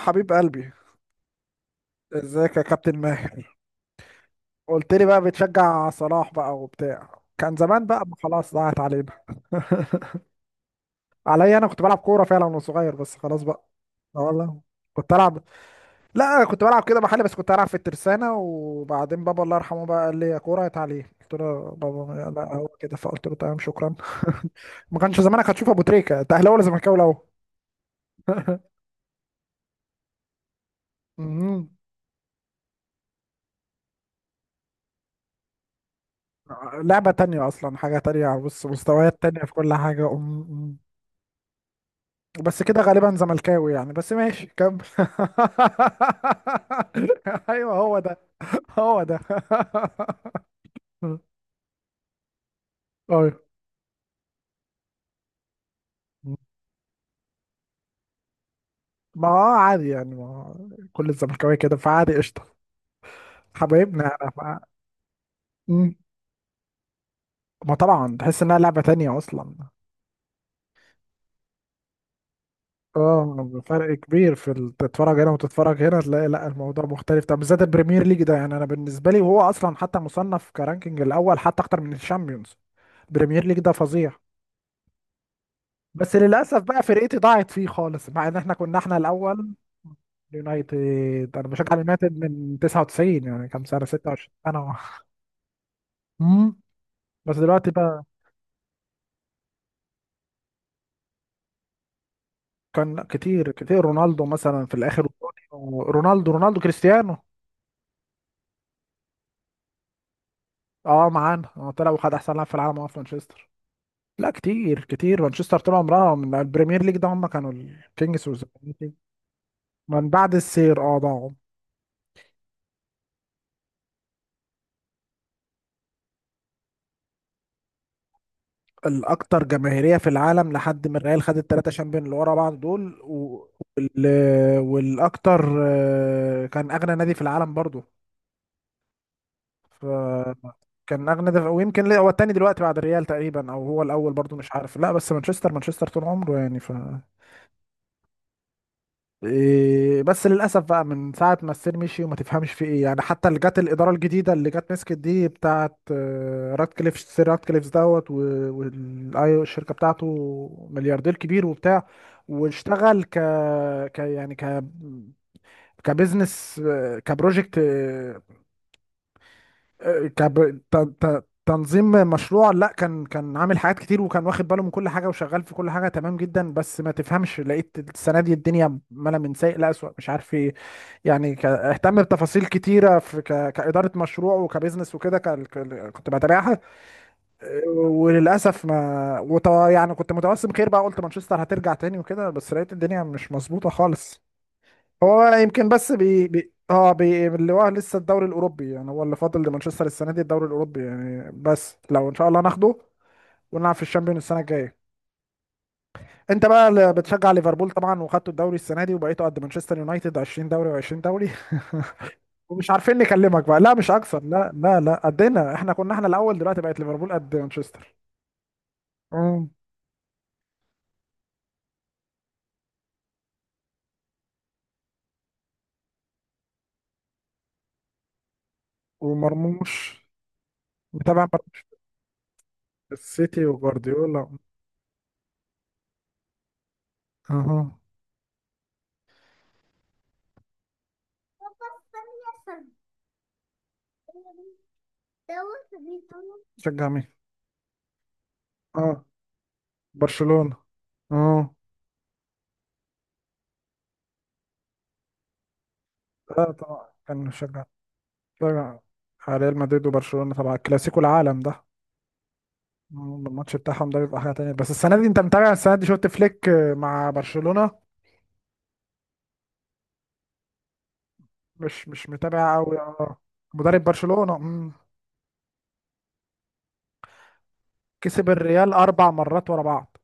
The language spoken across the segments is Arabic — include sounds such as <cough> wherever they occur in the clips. حبيب قلبي. ازيك يا كابتن ماهر؟ قلت لي بقى بتشجع صلاح بقى وبتاع. كان زمان بقى، ما خلاص ضاعت علينا. <laughs> عليا؟ انا كنت بلعب كوره فعلا وانا صغير، بس خلاص بقى. اه والله، كنت العب. لا كنت بلعب كده محلي، بس كنت العب في الترسانه، وبعدين بابا الله يرحمه بقى قال لي يا كوره يا تعليم. قلت له بابا لا، هو كده. فقلت له تمام، شكرا. <laughs> ما كانش زمانك هتشوف ابو تريكه. انت اهلاوي ولا زملكاوي الاول؟ <laughs> مهم. لعبة تانية أصلا، حاجة تانية. بص، مستويات تانية في كل حاجة. بس كده غالبا زملكاوي يعني، بس ماشي كمل. <laughs> ايوه هو ده، هو ده. <laughs> ايوه، ما هو عادي يعني، ما هو كل الزملكاويه كده، فعادي قشطه. حبايبنا يعني مم. ما طبعا تحس انها لعبه تانية اصلا. اه فرق كبير في تتفرج هنا وتتفرج هنا، تلاقي لا الموضوع مختلف. طب بالذات البريمير ليج ده، يعني انا بالنسبه لي، وهو اصلا حتى مصنف كرانكينج الاول، حتى اكتر من الشامبيونز. البريمير ليج ده فظيع، بس للاسف بقى فرقتي ضاعت فيه خالص، مع ان احنا كنا احنا الاول. اليونايتد، انا بشجع اليونايتد من 99، يعني كام سنه؟ 26 سنه. امم. بس دلوقتي بقى، كان كتير كتير رونالدو مثلا في الاخر. رونالدو، رونالدو كريستيانو. اه معانا، هو طلع وخد احسن لاعب في العالم هو في مانشستر. لا كتير كتير، مانشستر طول عمرها من البريمير ليج ده، هم كانوا الكينجز والزمالك. من بعد السير ضاعوا. الاكثر جماهيريه في العالم، لحد ما الريال خد الثلاثه شامبيون اللي ورا بعض دول وال... والاكثر، كان اغنى نادي في العالم برضو. ف كان اغنى ده، ويمكن هو الثاني دلوقتي بعد الريال تقريبا، او هو الاول برضو مش عارف. لا بس مانشستر، مانشستر طول عمره يعني. ف إيه بس للاسف بقى، من ساعه ما السير مشي وما تفهمش في ايه يعني. حتى اللي جت الاداره الجديده، اللي جت مسكت دي بتاعه، راتكليف، سير راتكليف دوت والاي، والشركه بتاعته، ملياردير كبير وبتاع. واشتغل ك ك يعني ك كبزنس، كبروجكت، تنظيم مشروع. لا كان كان عامل حاجات كتير، وكان واخد باله من كل حاجه، وشغال في كل حاجه تمام جدا. بس ما تفهمش، لقيت السنه دي الدنيا مالها من سيء لأسوأ، مش عارف ايه. يعني اهتم بتفاصيل كتيره في كاداره مشروع وكبزنس وكده. كنت بتابعها. وللاسف، ما وط... يعني كنت متوسم خير بقى، قلت مانشستر هترجع تاني وكده، بس لقيت الدنيا مش مظبوطه خالص. هو يمكن بس بي, بي اه بي اللي هو لسه الدوري الاوروبي يعني، هو اللي فاضل لمانشستر السنه دي، الدوري الاوروبي يعني. بس لو ان شاء الله ناخده، ونلعب في الشامبيون السنه الجايه. انت بقى اللي بتشجع ليفربول طبعا، وخدتوا الدوري السنه دي، وبقيتوا قد مانشستر يونايتد، 20 دوري و20 دوري. <laughs> ومش عارفين نكلمك بقى. لا مش اكثر، لا لا لا، قدنا، احنا كنا احنا الاول، دلوقتي بقت ليفربول قد مانشستر. امم. ومرموش. متابع مرموش؟ السيتي وجوارديولا. اها. شجع مين؟ اه برشلونه. اه اه طبعا كان مشجع. بتفرج على ريال مدريد وبرشلونة طبعا، الكلاسيكو، العالم ده. مم. الماتش بتاعهم ده بيبقى حاجة تانية. بس السنة دي، انت متابع السنة دي؟ شفت فليك مع برشلونة؟ مش مش متابع قوي اه. مدرب برشلونة. مم. كسب الريال أربع مرات ورا بعض،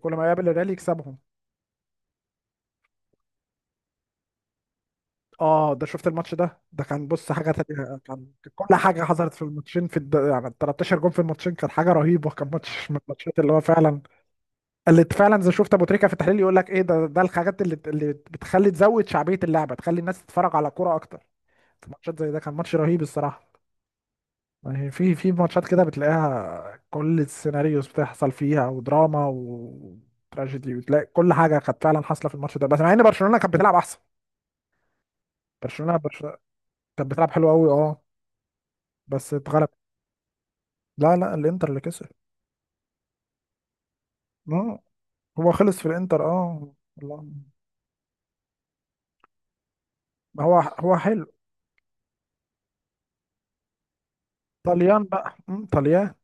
كل ما يقابل الريال يكسبهم. اه ده شفت الماتش ده؟ ده كان بص حاجة تانية، كان كل حاجة حصلت في الماتشين، في يعني 13 جون، في الماتشين كان حاجة رهيبة. كان ماتش من الماتشات اللي هو فعلا، اللي فعلا زي شفت ابو تريكه في التحليل، يقول لك ايه ده، ده الحاجات اللي بتخلي تزود شعبيه اللعبه، تخلي الناس تتفرج على كوره اكتر. في ماتشات زي ده، كان ماتش رهيب الصراحه. يعني في في ماتشات كده بتلاقيها كل السيناريوز بتحصل فيها، ودراما وتراجيدي، وتلاقي كل حاجه كانت فعلا حاصله في الماتش ده. بس مع ان برشلونه كانت بتلعب احسن. برشلونه برش... كانت بتلعب حلو قوي اه. بس اتغلب. لا لا، الانتر اللي كسب. اه هو خلص في الانتر، اه والله. هو هو حلو. طليان بقى، مم، طليان.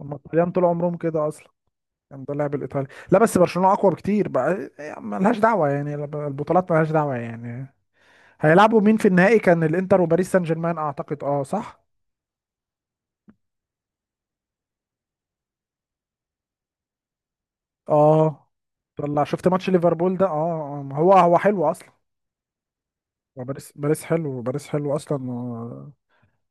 هما الطليان طول عمرهم كده اصلا. يعني ده اللعب الايطالي. لا بس برشلونه اقوى بكتير بقى يعني، ملهاش دعوه يعني، البطولات ملهاش دعوه يعني. هيلعبوا مين في النهائي؟ كان الانتر وباريس سان جيرمان اعتقد، اه صح. اه طلع. شفت ماتش ليفربول ده؟ ما هو هو حلو اصلا. هو باريس، باريس حلو، باريس حلو اصلا.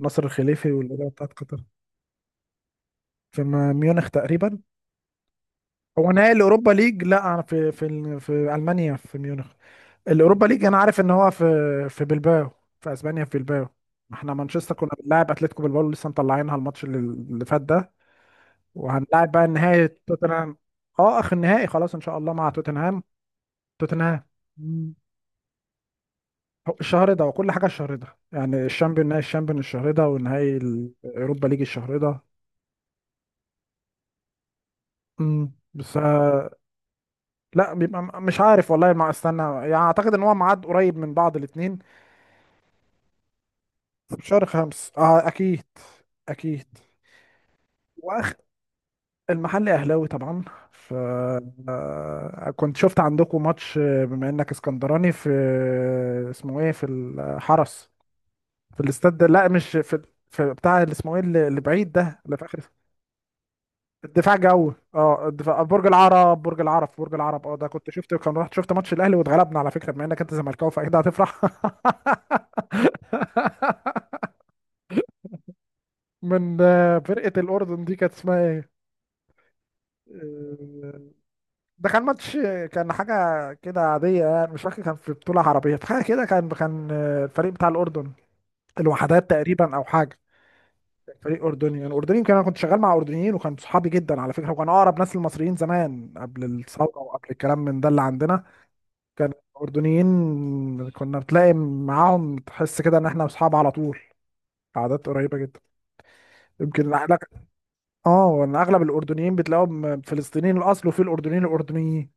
نصر الخليفي والإدارة بتاعت قطر. في ميونخ تقريبا. هو نهائي الاوروبا ليج؟ لا، في المانيا في ميونخ. الاوروبا ليج انا عارف ان هو في في بلباو، في اسبانيا في بلباو. احنا مانشستر كنا بنلاعب اتلتيكو بلباو، لسه مطلعينها الماتش اللي اللي فات ده. وهنلاعب بقى النهائي توتنهام. اه اخر النهائي خلاص ان شاء الله، مع توتنهام. توتنهام. مم. هو الشهر ده، وكل حاجه الشهر ده يعني، الشامبيون، نهائي الشامبيون الشهر ده، ونهائي الاوروبا ليج الشهر ده. مم. بس آه، لا بيبقى مش عارف والله، ما استنى يعني، اعتقد ان هو ميعاد قريب من بعض الاثنين. في شهر خمس اه اكيد، اكيد. المحل اهلاوي طبعا. ف آه، كنت شفت عندكم ماتش، بما انك اسكندراني، في اسمه ايه، في الحرس، في الاستاد لا مش في، في بتاع اللي اسمه ايه، اللي اللي بعيد ده اللي في اخر. الدفاع جو، اه الدفاع، برج العرب، برج العرب، برج العرب. اه ده كنت شفت، كان رحت شفت ماتش الاهلي واتغلبنا، على فكره بما انك انت زملكاوي فاكيد هتفرح. <laughs> من فرقه الاردن دي، كانت اسمها ايه؟ آه، ده كان ماتش، كان حاجة كده عادية يعني، مش فاكر، كان في بطولة عربية في حاجة كده، كان كان الفريق بتاع الأردن، الوحدات تقريبا أو حاجة. فريق أردني. أنا أردني كان، أنا كنت شغال مع أردنيين، وكان صحابي جدا على فكرة، وكان أقرب ناس للمصريين زمان قبل الثورة وقبل الكلام من ده اللي عندنا. كان الأردنيين، كنا بتلاقي معاهم تحس كده إن إحنا أصحاب على طول، عادات قريبة جدا. يمكن أغلب، آه، إن أغلب الأردنيين بتلاقيهم فلسطينيين الأصل، وفي الأردنيين الأردنيين.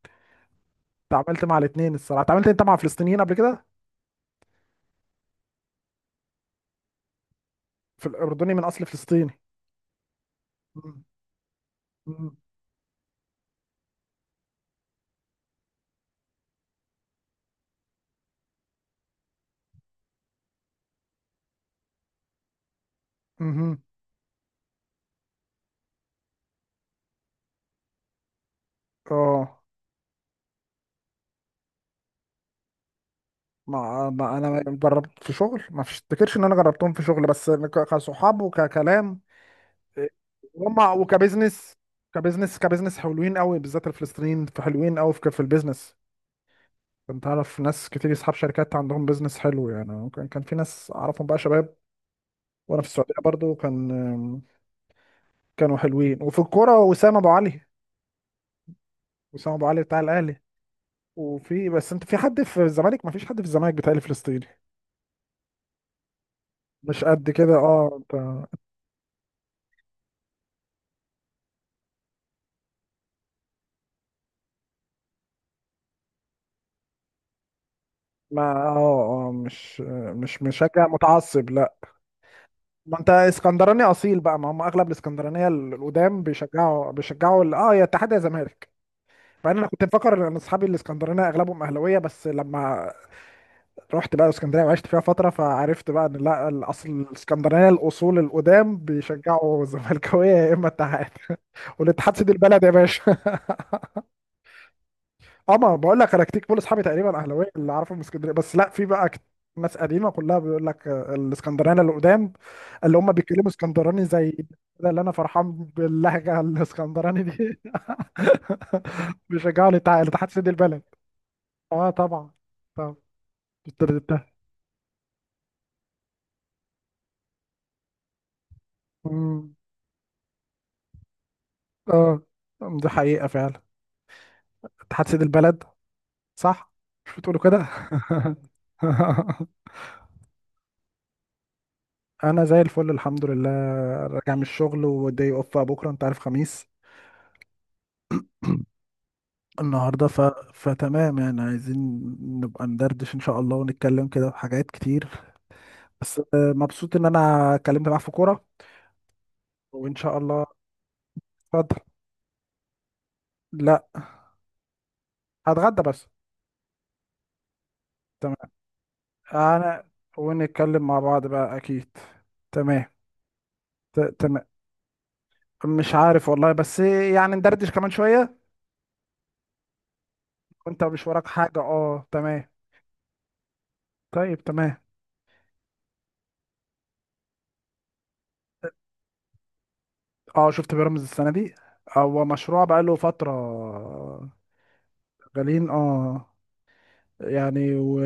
اتعاملت مع الاتنين الصراحة. اتعاملت أنت مع فلسطينيين قبل كده؟ في الأردني من أصل فلسطيني. مم. مم. مهم. اه ما ما انا جربت في شغل، ما افتكرش ان انا جربتهم في شغل، بس كصحاب وككلام. إيه، هم وكبزنس. كبزنس حلوين قوي، بالذات الفلسطينيين، في حلوين قوي في في البيزنس. كنت اعرف ناس كتير اصحاب شركات عندهم بيزنس حلو يعني، كان كان في ناس اعرفهم بقى شباب. وانا في السعوديه برضو كان، كانوا حلوين. وفي الكوره وسام ابو علي، وسام ابو علي بتاع الاهلي. وفي بس، انت في حد في الزمالك؟ ما فيش حد في الزمالك بتاعي فلسطيني. مش قد كده اه انت. ما اه اه مش مش مشجع متعصب، لا. ما انت اسكندراني اصيل بقى، ما هم اغلب الاسكندرانيه القدام بيشجعوا، يا اتحاد يا زمالك. مع ان انا كنت مفكر ان اصحابي الاسكندرانيه اغلبهم اهلاويه، بس لما رحت بقى اسكندريه وعشت فيها فتره، فعرفت بقى ان لا، الاصل الاسكندرانيه الاصول القدام بيشجعوا <laughs> زملكاويه يا اما اتحاد. <laughs> والاتحاد سيد البلد يا باشا. اه ما بقول لك، انا كتير كل اصحابي تقريبا اهلاويه اللي اعرفهم من اسكندريه، بس لا في بقى ناس قديمه كلها بيقول لك، الاسكندرانيه اللي قدام، اللي هم بيتكلموا اسكندراني زي ده، اللي انا فرحان باللهجه الاسكندراني دي، <laughs> بيشجعوا لتحت سد البلد. اه طبعا، طبعا. ابتديتها. أمم، اه أم، دي حقيقه فعلا. اتحاد سيد البلد صح؟ مش بتقولوا كده؟ <laughs> انا زي الفل الحمد لله. راجع من الشغل، ودي اوف بقى بكره انت عارف خميس النهارده، فتمام يعني. عايزين نبقى ندردش ان شاء الله، ونتكلم كده في حاجات كتير. بس آه، مبسوط ان انا اتكلمت معاك في كوره، وان شاء الله. اتفضل. لا هتغدى بس. تمام انا، ونتكلم مع بعض بقى اكيد. تمام. تمام. مش عارف والله، بس يعني ندردش كمان شويه. وانت مش وراك حاجه؟ اه تمام. طيب تمام. اه شفت بيراميدز السنه دي، هو مشروع بقاله فتره. شغالين اه، يعني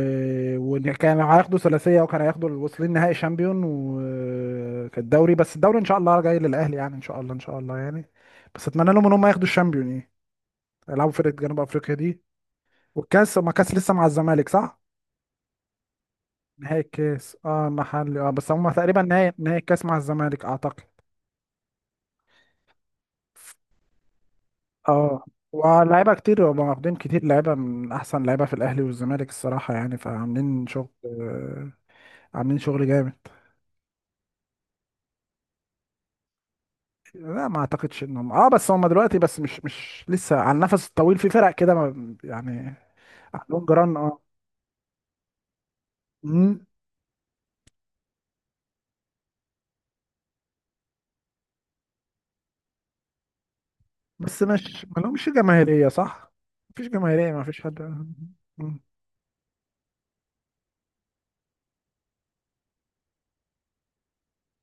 وكان هياخدوا ثلاثيه، وكان هياخدوا، واصلين نهائي شامبيون وكالدوري. بس الدوري ان شاء الله جاي للاهلي يعني، ان شاء الله ان شاء الله يعني. بس اتمنى لهم ان هم ياخدوا الشامبيون يعني، يلعبوا فرقه جنوب افريقيا دي. والكاس، ما كاس لسه مع الزمالك صح؟ نهائي الكاس، اه محلي اه، بس هم تقريبا نهائي، نهائي الكاس مع الزمالك اعتقد. اه. ولاعيبه كتير هم، واخدين كتير لعيبه من احسن لعيبه في الاهلي والزمالك الصراحه يعني، فعاملين شغل، عاملين شغل جامد. لا ما اعتقدش انهم اه، بس هم دلوقتي بس، مش لسه على النفس الطويل في فرق كده يعني. عندهم جيران اه. مم. بس مش، ما لهمش جماهيريه صح؟ مفيش جماهيريه، ما فيش حد. مم.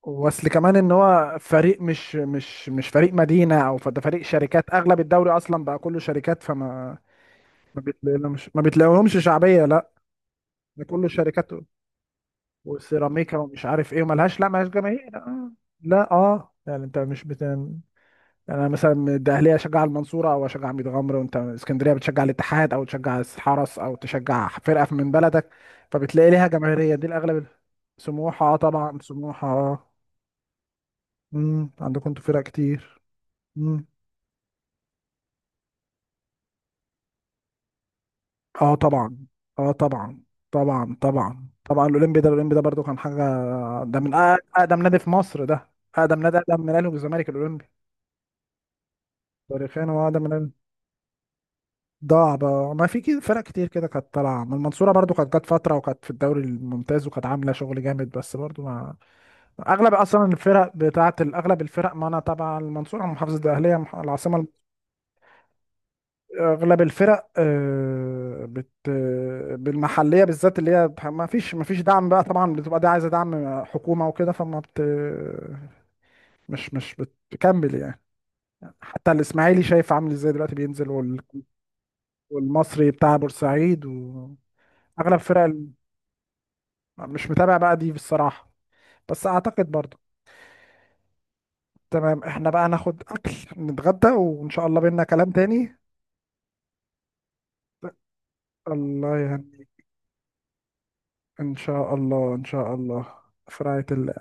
واصل كمان ان هو فريق مش فريق مدينه، او ده فريق شركات، اغلب الدوري اصلا بقى كله شركات، فما ما بتلاقيهمش شعبيه لا. ده كله شركات، وسيراميكا ومش عارف ايه، وملهاش، لا ملهاش جماهير لا اه، يعني انت مش يعني انا مثلا الاهليه اشجع المنصوره او اشجع ميت غمر، وانت من اسكندريه بتشجع الاتحاد او تشجع الحرس او تشجع فرقه من بلدك، فبتلاقي ليها جماهيريه، دي الاغلب. سموحه اه طبعا، سموحه اه. عندكم انتوا فرق كتير. امم. اه طبعا، اه طبعا طبعا طبعا، طبعا الاولمبي ده، الاولمبي ده برضو كان حاجه. ده من اقدم نادي في مصر ده. اقدم نادي، اقدم من الاهلي والزمالك الاولمبي. تاريخيا هو اقدم من الأهلي. ضاع بقى. ما في كده فرق كتير كده كانت طالعه، ما المنصوره برضو كانت جت فتره وكانت في الدوري الممتاز وكانت عامله شغل جامد، بس برضو ما. اغلب اصلا الفرق بتاعه ال- اغلب الفرق، ما انا تبع المنصوره محافظه الاهليه، العاصمه. اغلب الفرق آه، بت آه، بالمحليه بالذات، اللي هي ما فيش ما فيش دعم بقى طبعا، بتبقى دي عايزه دعم حكومه وكده، فما بت مش مش بتكمل يعني. حتى الاسماعيلي شايف عامل ازاي دلوقتي بينزل والمصري بتاع بورسعيد اغلب فرق، مش متابع بقى دي بصراحة، بس اعتقد برضو. تمام، احنا بقى هناخد اكل، نتغدى وان شاء الله بينا كلام تاني. الله يهنيك، ان شاء الله ان شاء الله. في رعاية الله.